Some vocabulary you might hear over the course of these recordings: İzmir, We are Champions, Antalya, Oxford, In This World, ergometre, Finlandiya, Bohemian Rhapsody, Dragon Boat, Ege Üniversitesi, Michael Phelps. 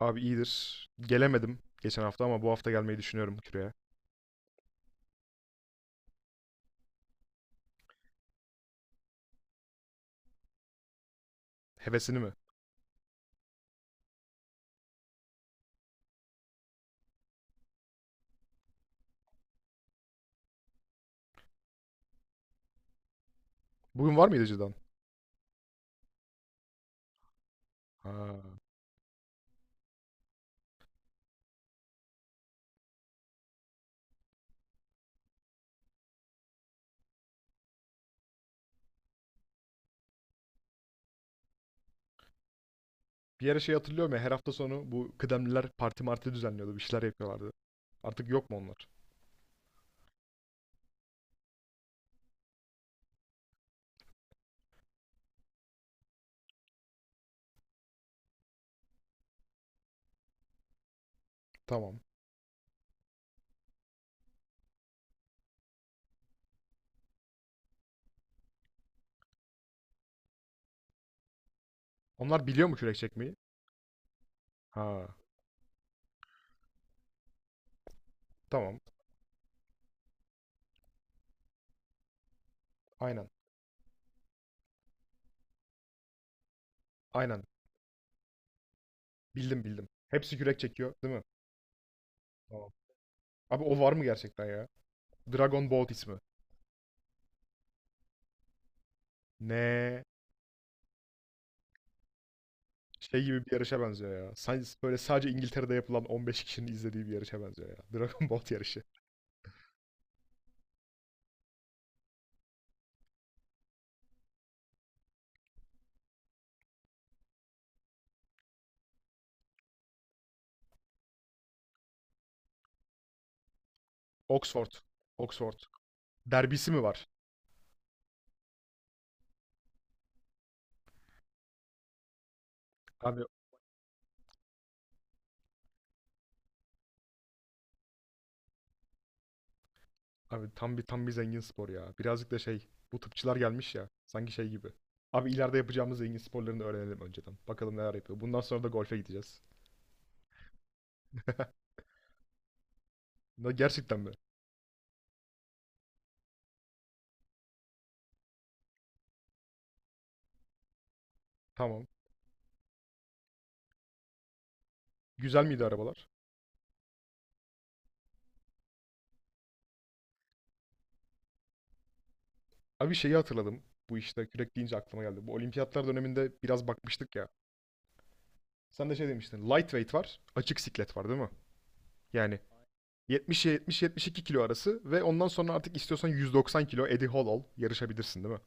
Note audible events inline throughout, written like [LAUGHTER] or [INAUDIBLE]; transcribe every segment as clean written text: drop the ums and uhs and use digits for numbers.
Abi iyidir. Gelemedim geçen hafta ama bu hafta gelmeyi düşünüyorum küreye. Hevesini mi? Bugün var mıydı cidden? Ha. Bir ara şey hatırlıyorum ya, her hafta sonu bu kıdemliler parti marti düzenliyordu. Bir şeyler yapıyorlardı. Artık yok mu onlar? Tamam. Onlar biliyor mu kürek çekmeyi? Ha. Tamam. Aynen. Aynen. Bildim bildim. Hepsi kürek çekiyor değil mi? Tamam. Abi o var mı gerçekten ya? Dragon Boat ismi. Ne? Şey gibi bir yarışa benziyor ya. Sadece, böyle sadece İngiltere'de yapılan 15 kişinin izlediği bir yarışa benziyor ya. Dragon Boat yarışı. Oxford. Oxford. Derbisi mi var? Abi Abi tam bir zengin spor ya. Birazcık da şey, bu tıpçılar gelmiş ya sanki şey gibi. Abi, ileride yapacağımız zengin sporlarını öğrenelim önceden. Bakalım neler yapıyor. Bundan sonra da golfe gideceğiz. [LAUGHS] Ne, gerçekten mi? Tamam. Güzel miydi arabalar? Abi şeyi hatırladım. Bu işte kürek deyince aklıma geldi. Bu olimpiyatlar döneminde biraz bakmıştık ya. Sen de şey demiştin. Lightweight var. Açık siklet var değil mi? Yani 70'e 70-72 kilo arası ve ondan sonra artık istiyorsan 190 kilo Eddie Hall ol. Yarışabilirsin değil mi?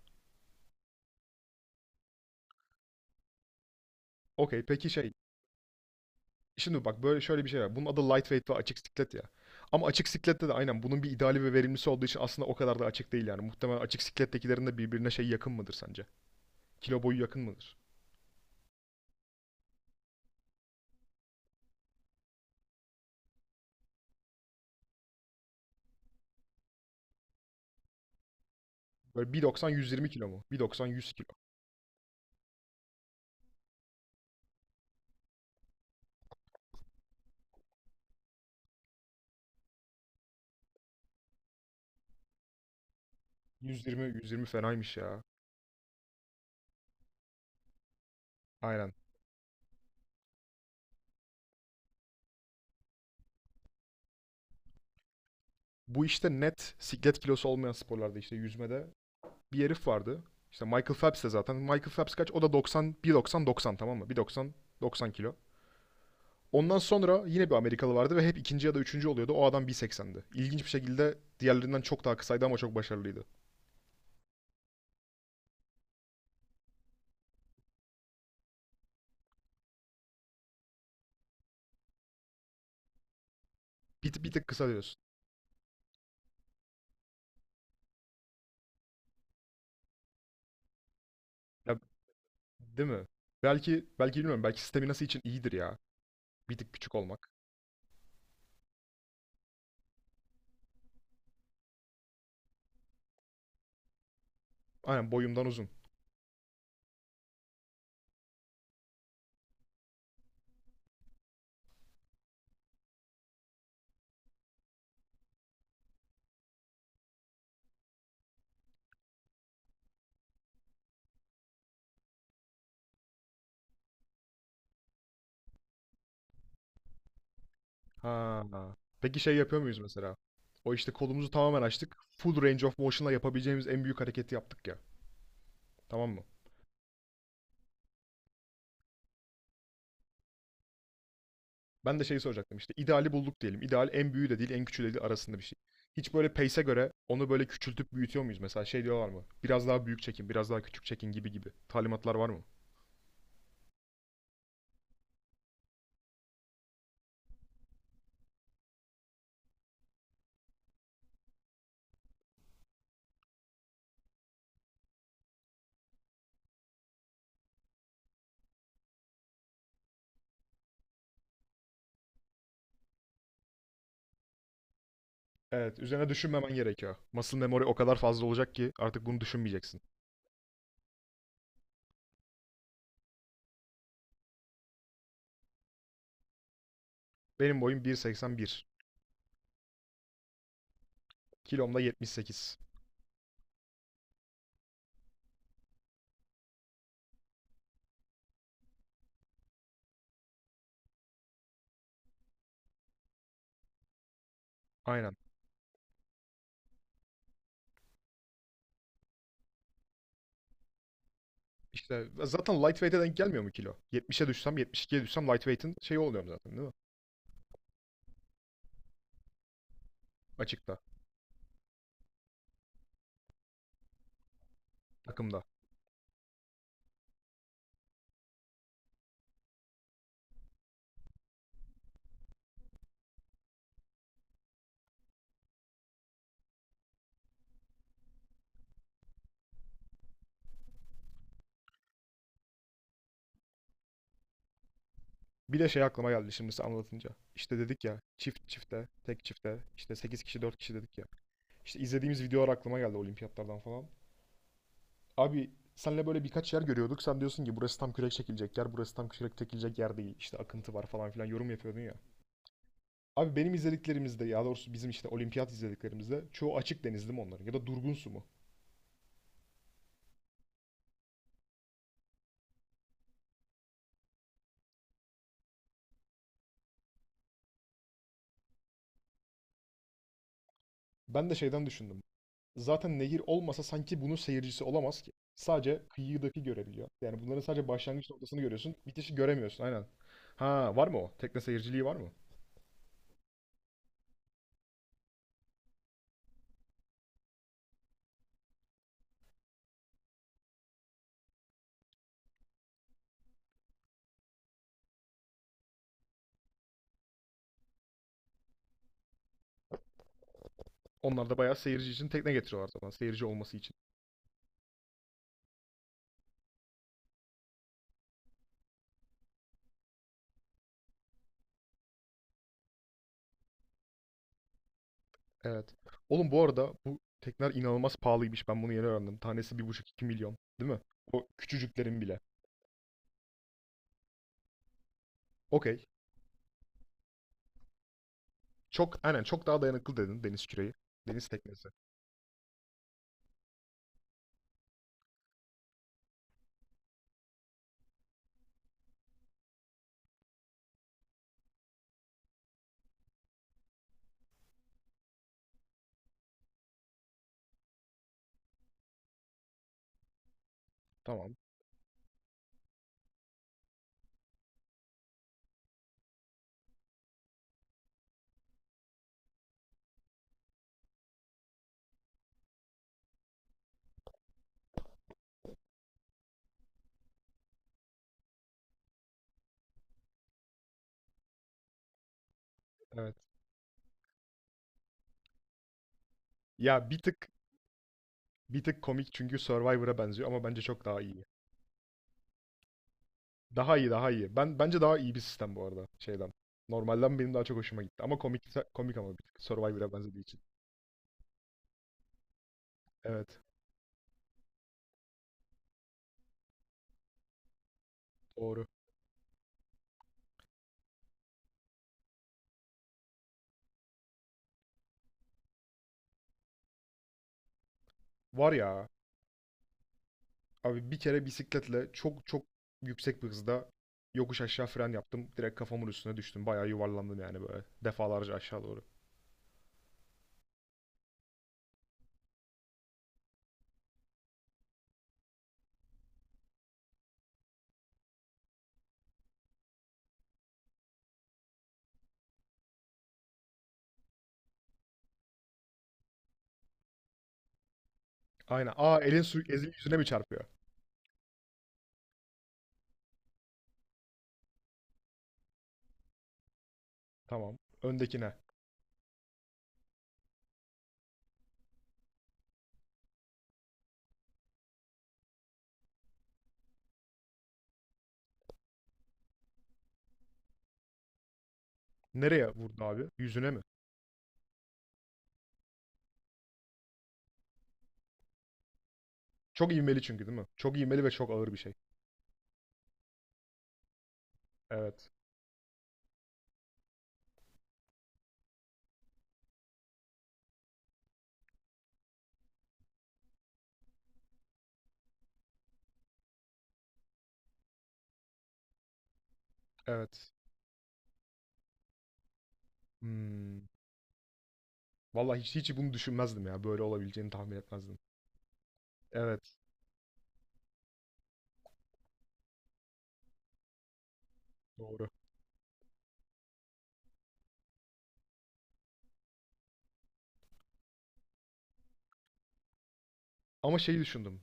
Okey, peki şey, şimdi bak, böyle şöyle bir şey var. Bunun adı lightweight ve açık siklet ya. Ama açık siklette de aynen bunun bir ideali ve verimlisi olduğu için aslında o kadar da açık değil yani. Muhtemelen açık siklettekilerin de birbirine şey, yakın mıdır sence? Kilo boyu yakın mıdır? Böyle bir doksan yüz yirmi kilo mu? Bir doksan yüz kilo. Yüz yirmi yüz yirmi fenaymış ya. Aynen. Bu işte net siklet kilosu olmayan sporlarda, işte yüzmede bir herif vardı. İşte Michael Phelps de zaten. Michael Phelps kaç? O da doksan, bir doksan doksan tamam mı? Bir doksan doksan kilo. Ondan sonra yine bir Amerikalı vardı ve hep ikinci ya da üçüncü oluyordu. O adam 1.80'di. İlginç bir şekilde diğerlerinden çok daha kısaydı ama çok başarılıydı. Bir tık kısa diyorsun. Ya, değil mi? Belki, belki bilmiyorum. Belki sistemi nasıl için iyidir ya. Bir tık küçük olmak. Aynen, boyumdan uzun. Ha. Peki şey yapıyor muyuz mesela? O işte kolumuzu tamamen açtık. Full range of motion'la yapabileceğimiz en büyük hareketi yaptık ya. Tamam mı? Ben de şeyi soracaktım, işte ideali bulduk diyelim. İdeal en büyüğü de değil, en küçüğü de değil, arasında bir şey. Hiç böyle pace'e göre onu böyle küçültüp büyütüyor muyuz? Mesela şey diyorlar mı? Biraz daha büyük çekin, biraz daha küçük çekin gibi gibi. Talimatlar var mı? Evet, üzerine düşünmemen gerekiyor. Muscle memory o kadar fazla olacak ki artık bunu düşünmeyeceksin. Benim boyum 1.81. Kilom da 78. Aynen. İşte zaten lightweight'e denk gelmiyor mu kilo? 70'e düşsem, 72'ye düşsem lightweight'in şeyi oluyorum zaten değil mi? Açıkta, takımda. Bir de şey aklıma geldi şimdi size anlatınca. İşte dedik ya, çift çifte, tek çifte, işte 8 kişi 4 kişi dedik ya. İşte izlediğimiz videolar aklıma geldi olimpiyatlardan falan. Abi senle böyle birkaç yer görüyorduk. Sen diyorsun ki burası tam kürek çekilecek yer, burası tam kürek çekilecek yer değil. İşte akıntı var falan filan yorum yapıyordun ya. Abi benim izlediklerimizde, ya doğrusu bizim işte olimpiyat izlediklerimizde çoğu açık deniz mi onların, ya da durgun su mu? Ben de şeyden düşündüm. Zaten nehir olmasa sanki bunun seyircisi olamaz ki. Sadece kıyıdaki görebiliyor. Yani bunların sadece başlangıç noktasını görüyorsun. Bitişi göremiyorsun aynen. Ha, var mı o? Tekne seyirciliği var mı? Onlar da bayağı seyirci için tekne getiriyorlar zaman. Seyirci olması için. Evet. Oğlum, bu arada bu tekneler inanılmaz pahalıymış. Ben bunu yeni öğrendim. Tanesi 1,5-2 milyon. Değil mi? O küçücüklerin bile. Okey. Çok aynen, çok daha dayanıklı dedin deniz küreği. Deniz teknesi. Tamam. Evet. Ya bir tık, bir tık komik çünkü Survivor'a benziyor ama bence çok daha iyi. Daha iyi, daha iyi. Ben, bence daha iyi bir sistem bu arada şeyden. Normalden benim daha çok hoşuma gitti ama komik, komik ama bir tık Survivor'a benzediği için. Evet, doğru. Var ya, abi bir kere bisikletle çok çok yüksek bir hızda yokuş aşağı fren yaptım. Direkt kafamın üstüne düştüm. Bayağı yuvarlandım yani, böyle defalarca aşağı doğru. Aynen. Aa, elin su ezil yüzüne mi çarpıyor? Tamam. Öndekine. Nereye vurdu abi? Yüzüne mi? Çok ivmeli çünkü değil mi? Çok ivmeli ve çok ağır bir şey. Evet. Evet. Hmm. Vallahi hiç bunu düşünmezdim ya. Böyle olabileceğini tahmin etmezdim. Evet. Doğru. Ama şeyi düşündüm.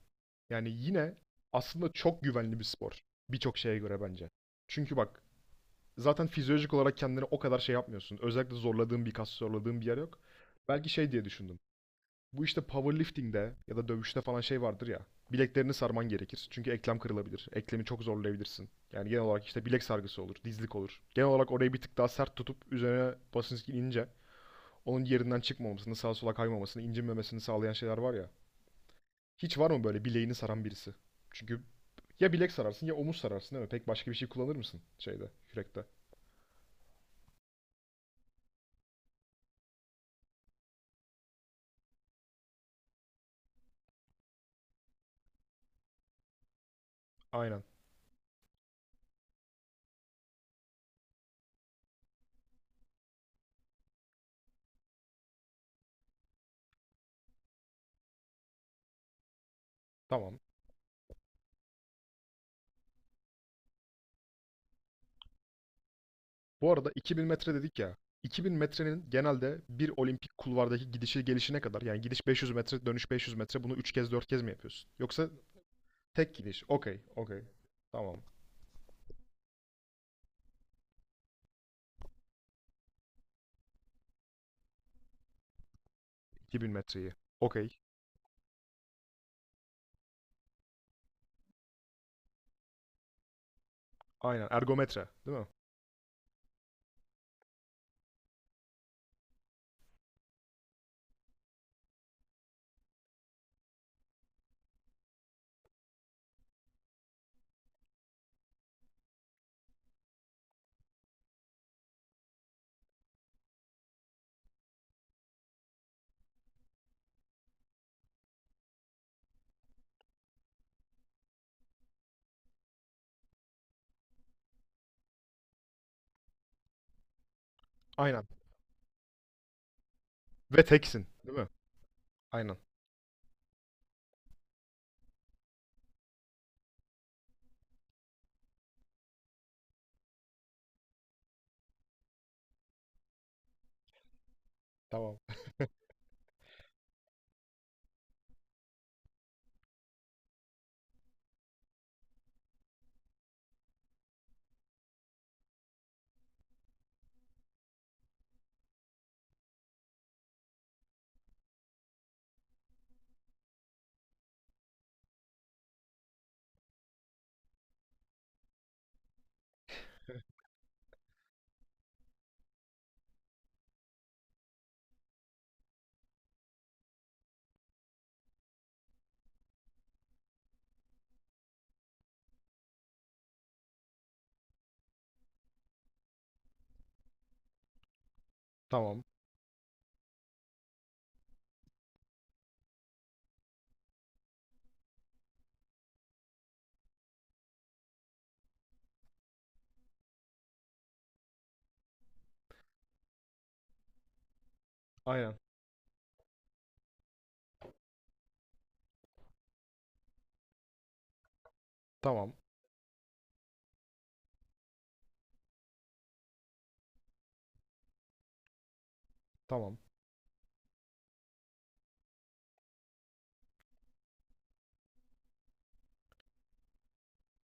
Yani yine aslında çok güvenli bir spor. Birçok şeye göre bence. Çünkü bak, zaten fizyolojik olarak kendini o kadar şey yapmıyorsun. Özellikle zorladığın bir kas, zorladığın bir yer yok. Belki şey diye düşündüm. Bu işte powerlifting'de ya da dövüşte falan şey vardır ya. Bileklerini sarman gerekir. Çünkü eklem kırılabilir. Eklemi çok zorlayabilirsin. Yani genel olarak işte bilek sargısı olur, dizlik olur. Genel olarak orayı bir tık daha sert tutup üzerine basınç inince onun yerinden çıkmamasını, sağa sola kaymamasını, incinmemesini sağlayan şeyler var ya. Hiç var mı böyle bileğini saran birisi? Çünkü ya bilek sararsın, ya omuz sararsın değil mi? Pek başka bir şey kullanır mısın şeyde, kürekte? Aynen. Tamam. Bu arada 2000 metre dedik ya. 2000 metrenin genelde bir olimpik kulvardaki gidişi gelişine kadar, yani gidiş 500 metre, dönüş 500 metre, bunu üç kez dört kez mi yapıyorsun? Yoksa tek gidiş. Okey, okey. Tamam. 2000 metreyi. Okey. Aynen. Ergometre, değil mi? Aynen. Ve teksin, değil mi? Aynen. Tamam. [LAUGHS] Tamam. Aynen. Tamam. Tamam.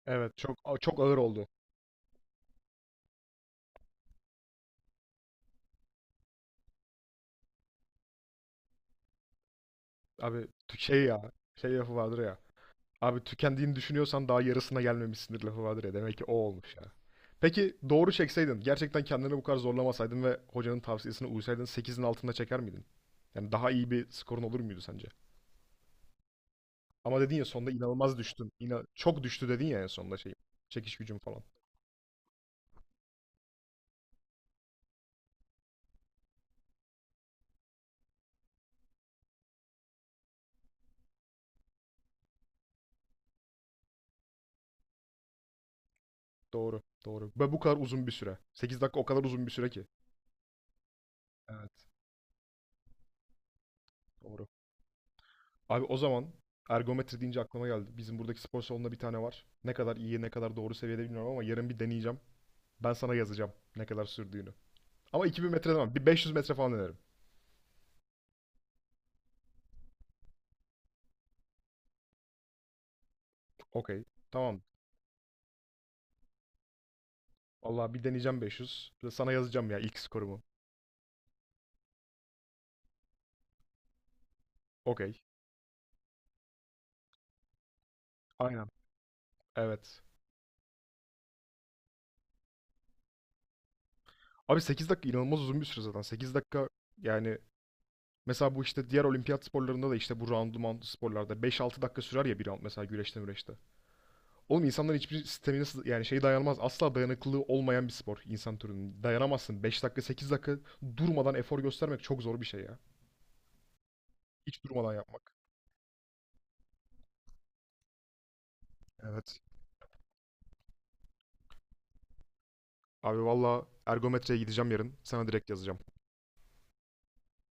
Evet, çok çok ağır oldu. Abi şey ya, şey lafı vardır ya. Abi tükendiğini düşünüyorsan daha yarısına gelmemişsindir lafı vardır ya. Demek ki o olmuş ya. Peki doğru çekseydin, gerçekten kendini bu kadar zorlamasaydın ve hocanın tavsiyesine uysaydın sekizin altında çeker miydin? Yani daha iyi bir skorun olur muydu sence? Ama dedin ya, sonunda inanılmaz düştün. Çok düştü dedin ya en sonunda şey. Çekiş gücüm falan. Doğru, doğru. Ve bu kadar uzun bir süre. 8 dakika o kadar uzun bir süre ki. Evet, doğru. Abi o zaman ergometre deyince aklıma geldi. Bizim buradaki spor salonunda bir tane var. Ne kadar iyi, ne kadar doğru seviyede bilmiyorum ama yarın bir deneyeceğim. Ben sana yazacağım ne kadar sürdüğünü. Ama 2000 metre demem. Bir 500 metre falan denerim. Okey. Tamam. Vallahi bir deneyeceğim 500. Bir de sana yazacağım ya ilk skorumu. Okey. Aynen. Evet. Abi 8 dakika inanılmaz uzun bir süre zaten. 8 dakika yani, mesela bu işte diğer olimpiyat sporlarında da, işte bu roundlu mountlu sporlarda 5-6 dakika sürer ya bir round, mesela güreşte müreşte. Oğlum insanlar hiçbir yani şey dayanmaz. Asla dayanıklılığı olmayan bir spor insan türünün. Dayanamazsın. 5 dakika, 8 dakika durmadan efor göstermek çok zor bir şey ya. Hiç durmadan yapmak. Evet. Abi valla ergometreye gideceğim yarın. Sana direkt yazacağım.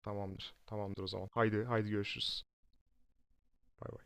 Tamamdır. Tamamdır o zaman. Haydi haydi görüşürüz. Bay bay.